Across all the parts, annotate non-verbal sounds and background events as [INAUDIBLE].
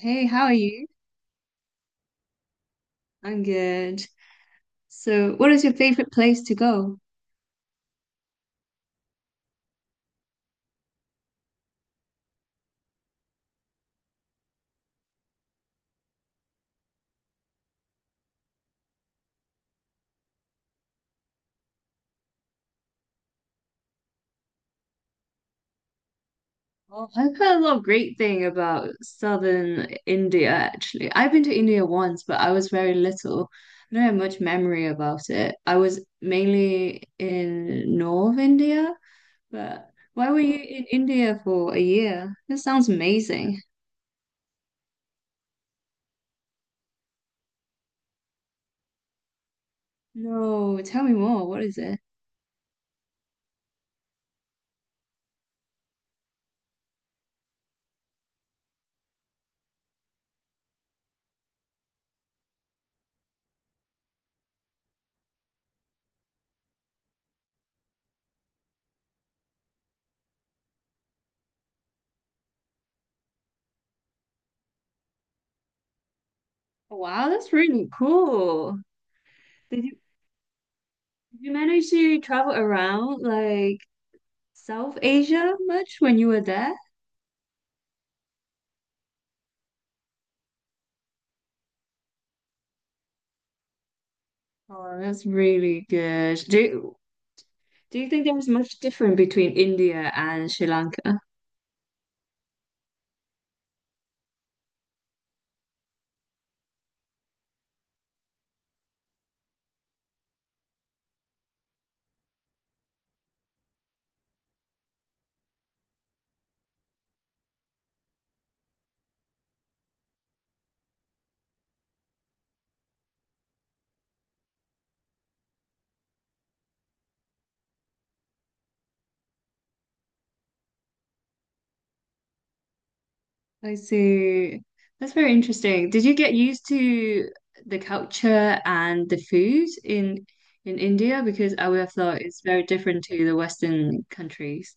Hey, how are you? I'm good. So, what is your favorite place to go? Oh, I've heard a lot of great thing about southern India, actually. I've been to India once, but I was very little. I don't have much memory about it. I was mainly in North India, but why were you in India for a year? This sounds amazing. No, tell me more. What is it? Wow, that's really cool. Did you did you manage to travel around? Like South Asia much when you were there? Oh, that's really good. Do you think there was much different between India and Sri Lanka? I see. That's very interesting. Did you get used to the culture and the food in India? Because I would have thought it's very different to the Western countries.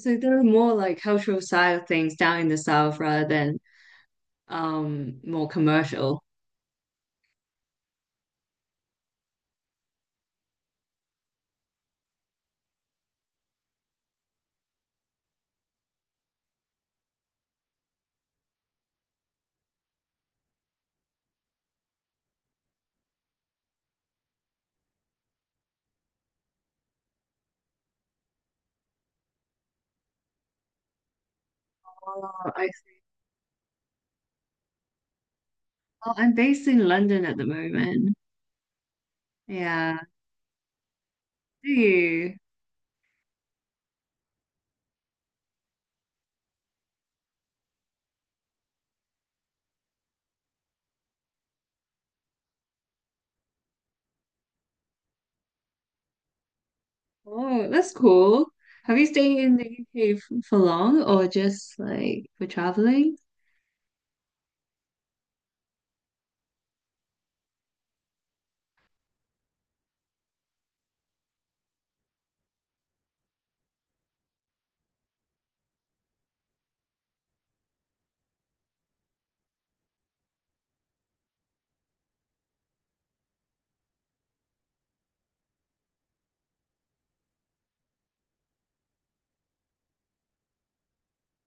So there are more like cultural side of things down in the south rather than more commercial. Oh, I, oh, I'm based in London at the moment. Yeah. Do you? Oh, that's cool. Have you stayed in the UK for long or just like for traveling?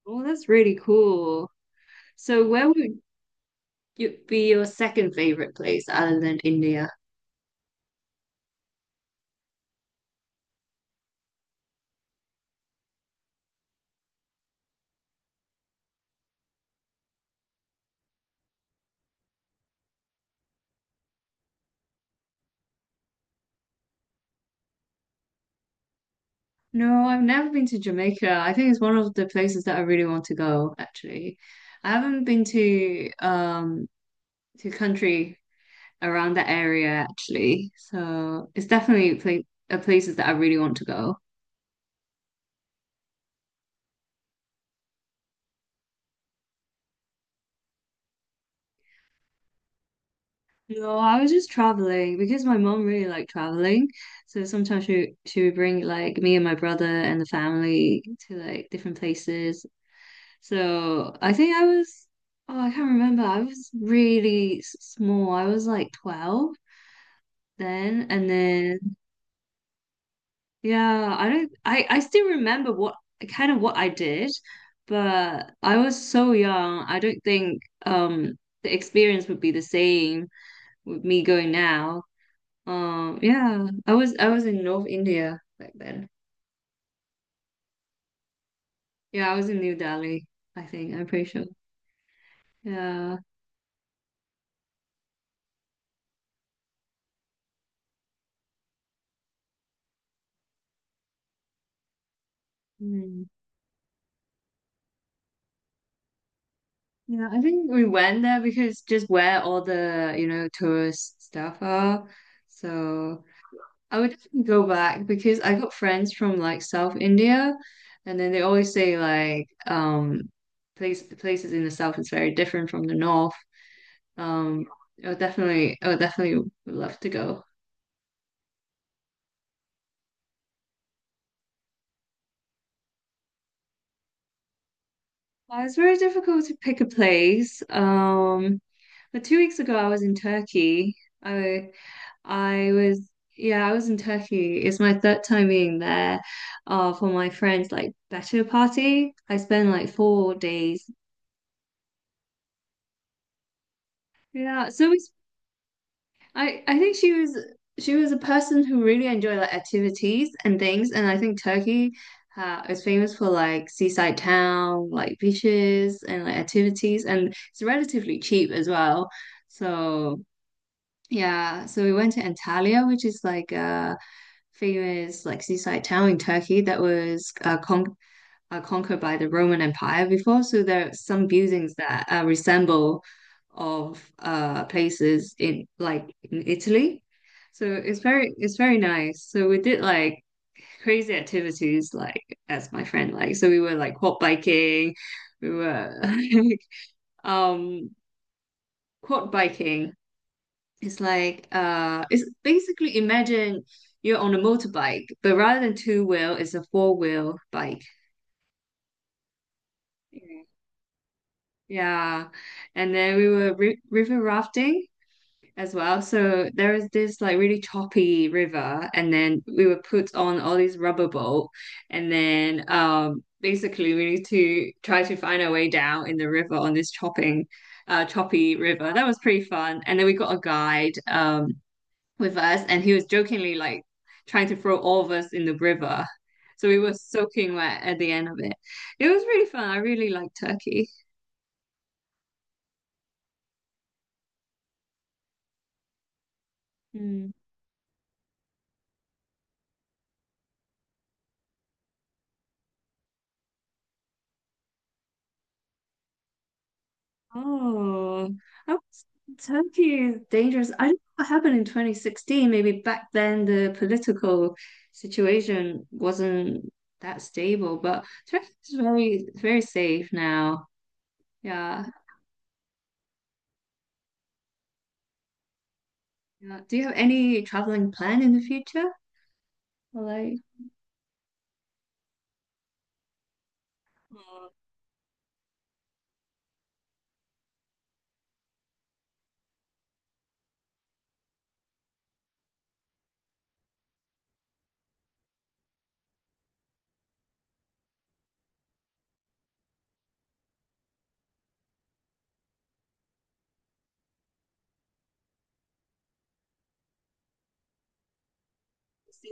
Oh, that's really cool. So where would you be your second favorite place other than India? No, I've never been to Jamaica. I think it's one of the places that I really want to go, actually. I haven't been to country around that area actually. So it's definitely pla a places that I really want to go. No, I was just traveling because my mom really liked traveling. So sometimes she would bring like me and my brother and the family to like different places. So I can't remember. I was really small. I was like 12 then and then yeah, I don't I still remember what kind of what I did, but I was so young. I don't think um the experience would be the same with me going now. Yeah, I was in North India back then. Yeah, I was in New Delhi, I think. I'm pretty sure. Yeah. Mm. Yeah, I think we went there because just where all the, you know, tourist stuff are. So I would definitely go back because I got friends from like South India and then they always say places in the south is very different from the north. Um, I would definitely would love to go. Well, it's very difficult to pick a place. But 2 weeks ago, I was in Turkey. I I was Yeah, I was in Turkey. It's my third time being there, for my friend's like better party. I spent like 4 days. Yeah, so we I think she was a person who really enjoyed like activities and things, and I think Turkey is famous for like seaside town, like beaches and like activities, and it's relatively cheap as well. So yeah, so we went to Antalya, which is like a famous like seaside town in Turkey that was conquered by the Roman Empire before. So there are some buildings that resemble of places in in Italy. So it's very nice. So we did like crazy activities like as my friend like. So we were like quad biking. We were [LAUGHS] like um quad biking. It's basically imagine you're on a motorbike, but rather than two wheel, it's a four-wheel bike. Yeah. Yeah. And then we were ri river rafting as well. So there is this like really choppy river, and then we were put on all these rubber boat, and then basically we need to try to find our way down in the river on this chopping choppy river. That was pretty fun. And then we got a guide with us, and he was jokingly like trying to throw all of us in the river. So we were soaking wet at the end of it. It was really fun. I really liked Turkey. Oh, I was Tokyo is dangerous. I don't know what happened in 2016. Maybe back then the political situation wasn't that stable, but Turkey is very, very safe now. Yeah. Yeah. Do you have any traveling plan in the future? Or like, uh,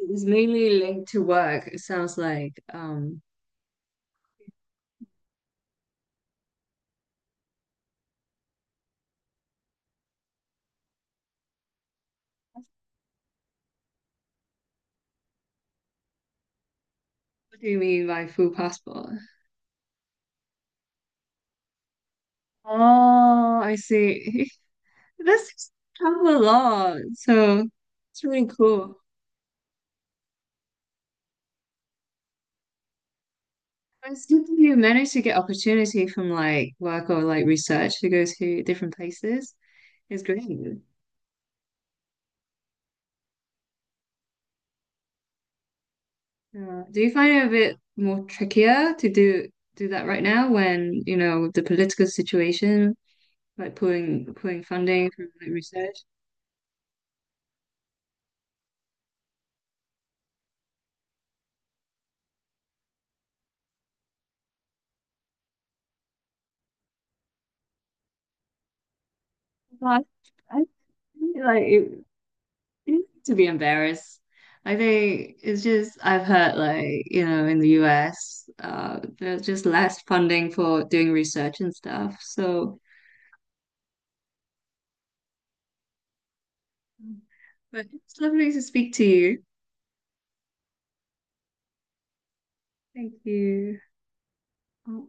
it's mainly linked to work, it sounds like. What do you mean by full passport? Oh, I see. [LAUGHS] This travel a lot, so it's really cool. But it's good that you manage to get opportunity from like work or like research to go to different places. It's great. Do you find it a bit more trickier to do that right now when, you know, the political situation, like pulling funding from like research? But I think, it to be embarrassed. I think it's just I've heard like, you know, in the US, there's just less funding for doing research and stuff. So but it's lovely to speak to you. Thank you. Oh,